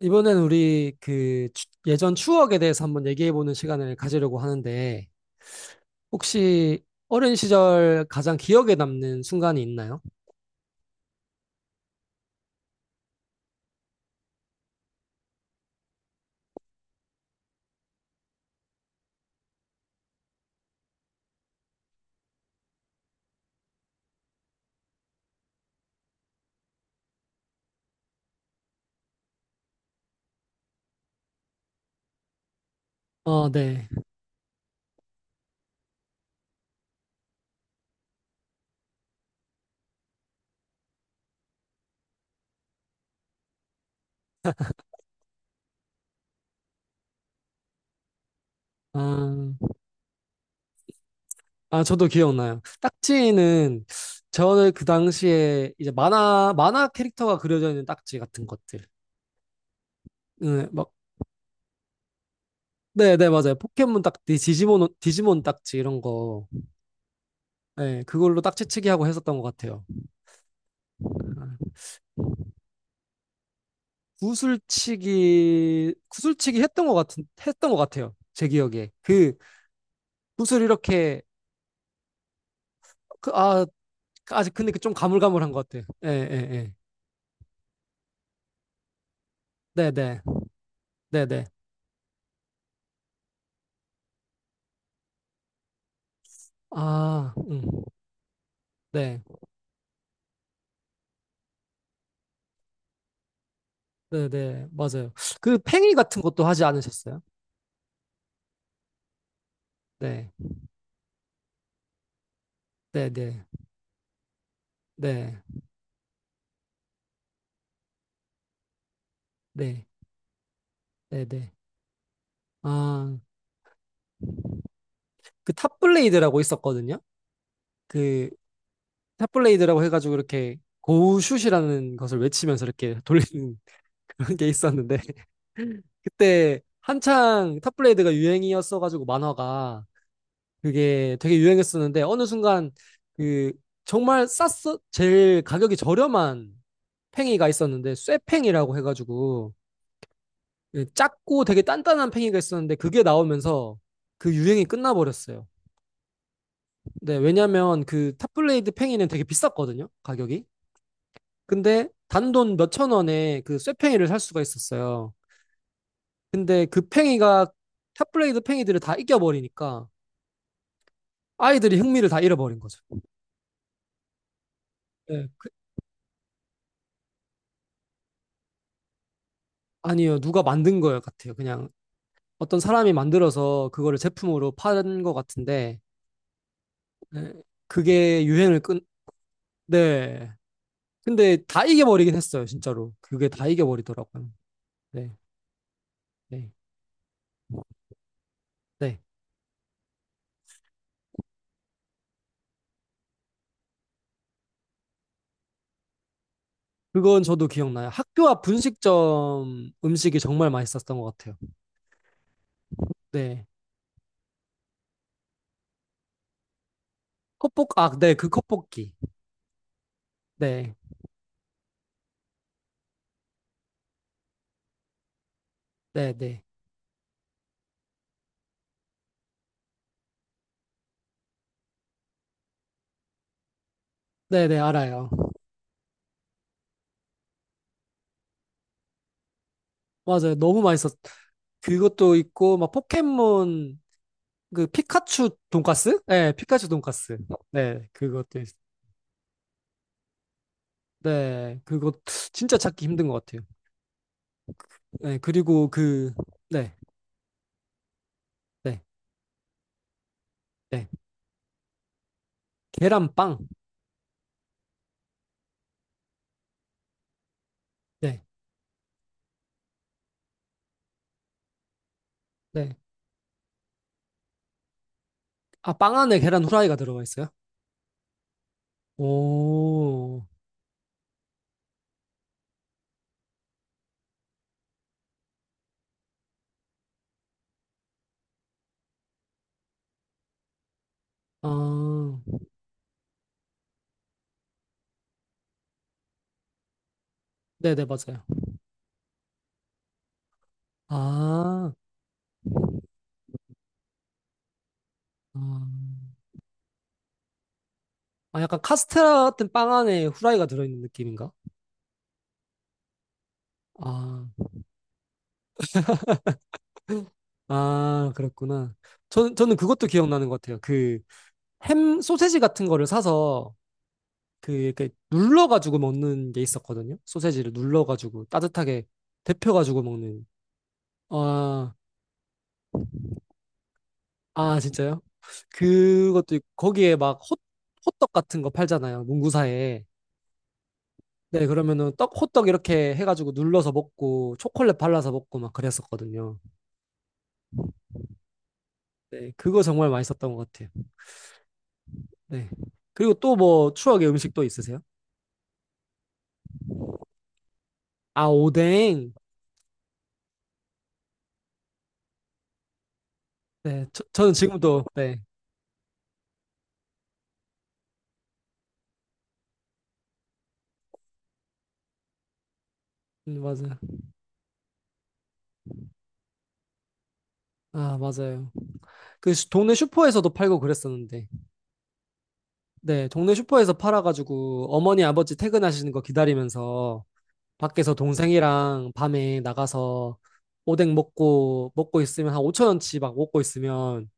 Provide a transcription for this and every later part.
이번엔 우리 예전 추억에 대해서 한번 얘기해보는 시간을 가지려고 하는데, 혹시 어린 시절 가장 기억에 남는 순간이 있나요? 어, 네. 아, 아, 저도 기억나요. 딱지는 저는 그 당시에 이제 만화 캐릭터가 그려져 있는 딱지 같은 것들. 네, 막, 네, 네, 맞아요. 포켓몬 딱지, 디지몬 딱지 이런 거. 네, 그걸로 딱지치기 하고 했었던 것 같아요. 구슬치기 했던 것 같아요. 제 기억에 그 구슬 이렇게 그, 아 아직 근데 그 좀 가물가물한 것 같아요. 예예예 네네 네네 아 네, 네, 네, 맞아요. 그 팽이 같은 것도 하지 않으셨어요? 네, 네, 네, 네, 네, 네, 네. 아, 그 탑블레이드라고 있었거든요. 그 탑블레이드라고 해가지고 이렇게 고우슛이라는 것을 외치면서 이렇게 돌리는 그런 게 있었는데 그때 한창 탑블레이드가 유행이었어가지고 만화가 그게 되게 유행했었는데 어느 순간 그 정말 쌌어 제일 가격이 저렴한 팽이가 있었는데 쇠팽이라고 해가지고 예, 작고 되게 단단한 팽이가 있었는데 그게 나오면서 그 유행이 끝나버렸어요. 네, 왜냐면 그 탑블레이드 팽이는 되게 비쌌거든요, 가격이. 근데 단돈 몇천 원에 그 쇠팽이를 살 수가 있었어요. 근데 그 팽이가 탑블레이드 팽이들을 다 이겨버리니까 아이들이 흥미를 다 잃어버린 거죠. 네, 그- 아니요, 누가 만든 거예요 같아요. 그냥 어떤 사람이 만들어서 그거를 제품으로 파는 것 같은데 네, 그게 유행을 끈. 네. 근데 다 이겨버리긴 했어요, 진짜로. 그게 다 이겨버리더라고요. 네, 네, 네. 그건 저도 기억나요. 학교 앞 분식점 음식이 정말 맛있었던 것 같아요. 네. 컵볶, 아, 네, 그 컵볶이. 네, 네, 네. 네, 네, 알아요. 맞아요. 너무 맛있었. 그것도 있고 막 포켓몬 그 피카츄 돈까스? 네, 피카츄 돈까스. 네, 그것도 있- 네, 그거 진짜 찾기 힘든 것 같아요. 네, 그리고 그 네, 네, 네. 계란빵. 네, 네. 아, 빵 안에 계란 후라이가 들어가 있어요? 오. 아, 네, 네, 맞아요. 아, 아, 아, 약간 카스테라 같은 빵 안에 후라이가 들어있는 느낌인가? 아, 아, 그렇구나. 저는 그것도 기억나는 것 같아요. 그, 햄, 소세지 같은 거를 사서 그 이렇게 눌러가지고 먹는 게 있었거든요. 소세지를 눌러가지고 따뜻하게 데펴가지고 먹는. 아, 아 진짜요? 그것도 있고, 거기에 막 호, 호떡 같은 거 팔잖아요. 문구사에. 네, 그러면은 떡 호떡 이렇게 해가지고 눌러서 먹고 초콜릿 발라서 먹고 막 그랬었거든요. 네, 그거 정말 맛있었던 것 같아요. 네. 그리고 또 뭐 추억의 음식 또 있으세요? 아, 오뎅. 네, 저는 지금도 네, 맞아요. 아, 맞아요. 동네 슈퍼에서도 팔고 그랬었는데. 네, 동네 슈퍼에서 팔아가지고 어머니 아버지 퇴근하시는 거 기다리면서 밖에서 동생이랑 밤에 나가서 오뎅 먹고 있으면 한 5천 원치 막 먹고 있으면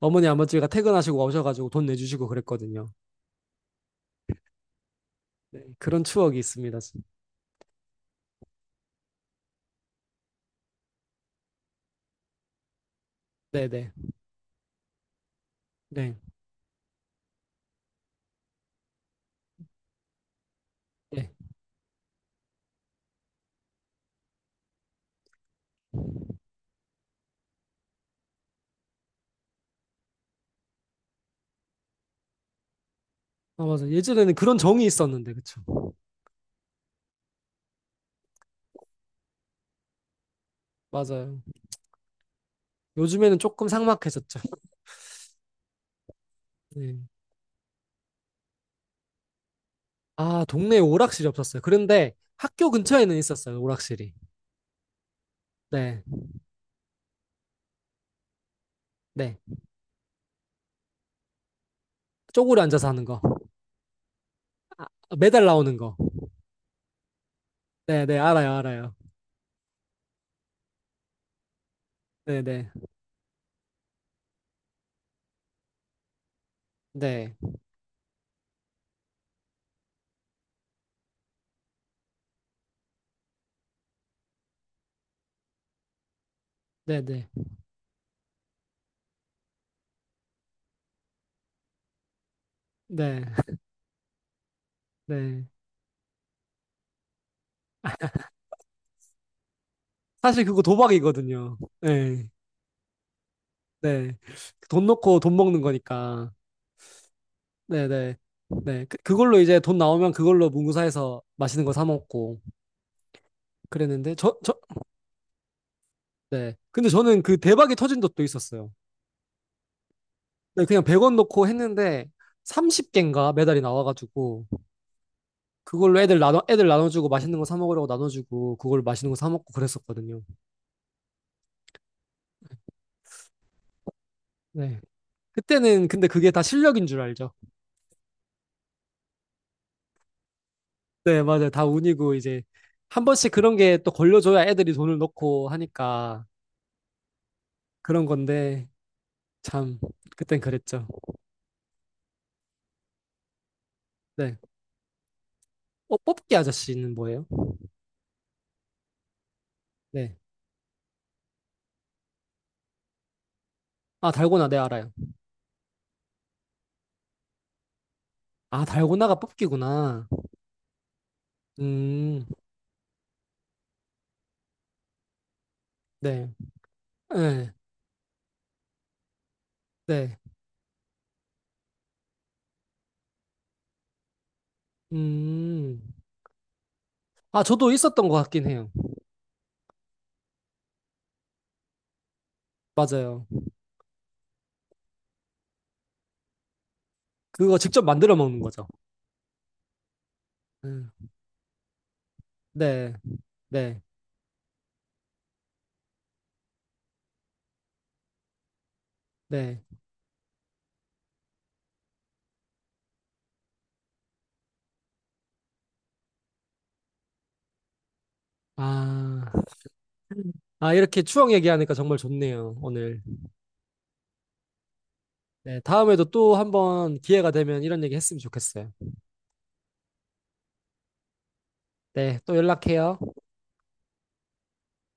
어머니 아버지가 퇴근하시고 오셔가지고 돈 내주시고 그랬거든요. 네, 그런 추억이 있습니다. 진- 네, 네, 네, 네. 아, 맞아. 예전에는 그런 정이 있었는데, 그쵸? 맞아요. 요즘에는 조금 삭막해졌죠. 네. 아, 동네에 오락실이 없었어요. 그런데 학교 근처에는 있었어요, 오락실이. 네, 네. 쪼그려 앉아서 하는 거. 아, 아, 매달 나오는 거. 네, 네, 알아요, 알아요. 네, 네, 네, 네, 네, 네, 네. 사실 그거 도박이거든요. 네, 네. 돈 넣고 돈 먹는 거니까. 네, 네, 네. 그, 그걸로 이제 돈 나오면 그걸로 문구사에서 맛있는 거 사 먹고 그랬는데 저, 저, 네. 근데 저는 그 대박이 터진 적도 있었어요. 네, 그냥 100원 넣고 했는데 30개인가 메달이 나와가지고 그걸로 애들 나눠주고 맛있는 거 사 먹으려고 나눠주고 그걸 맛있는 거 사 먹고 그랬었거든요. 네. 그때는 근데 그게 다 실력인 줄 알죠. 네, 맞아요. 다 운이고 이제 한 번씩 그런 게 또 걸려줘야 애들이 돈을 넣고 하니까 그런 건데 참 그땐 그랬죠. 네. 어, 뽑기 아저씨는 뭐예요? 네. 아, 달고나 네 알아요. 아, 달고나가 뽑기구나. 음, 네. 네. 네. 음. 아, 저도 있었던 것 같긴 해요. 맞아요. 그거 직접 만들어 먹는 거죠. 음, 네. 네. 네. 아. 아, 이렇게 추억 얘기하니까 정말 좋네요, 오늘. 네, 다음에도 또 한번 기회가 되면 이런 얘기 했으면 좋겠어요. 네, 또 연락해요.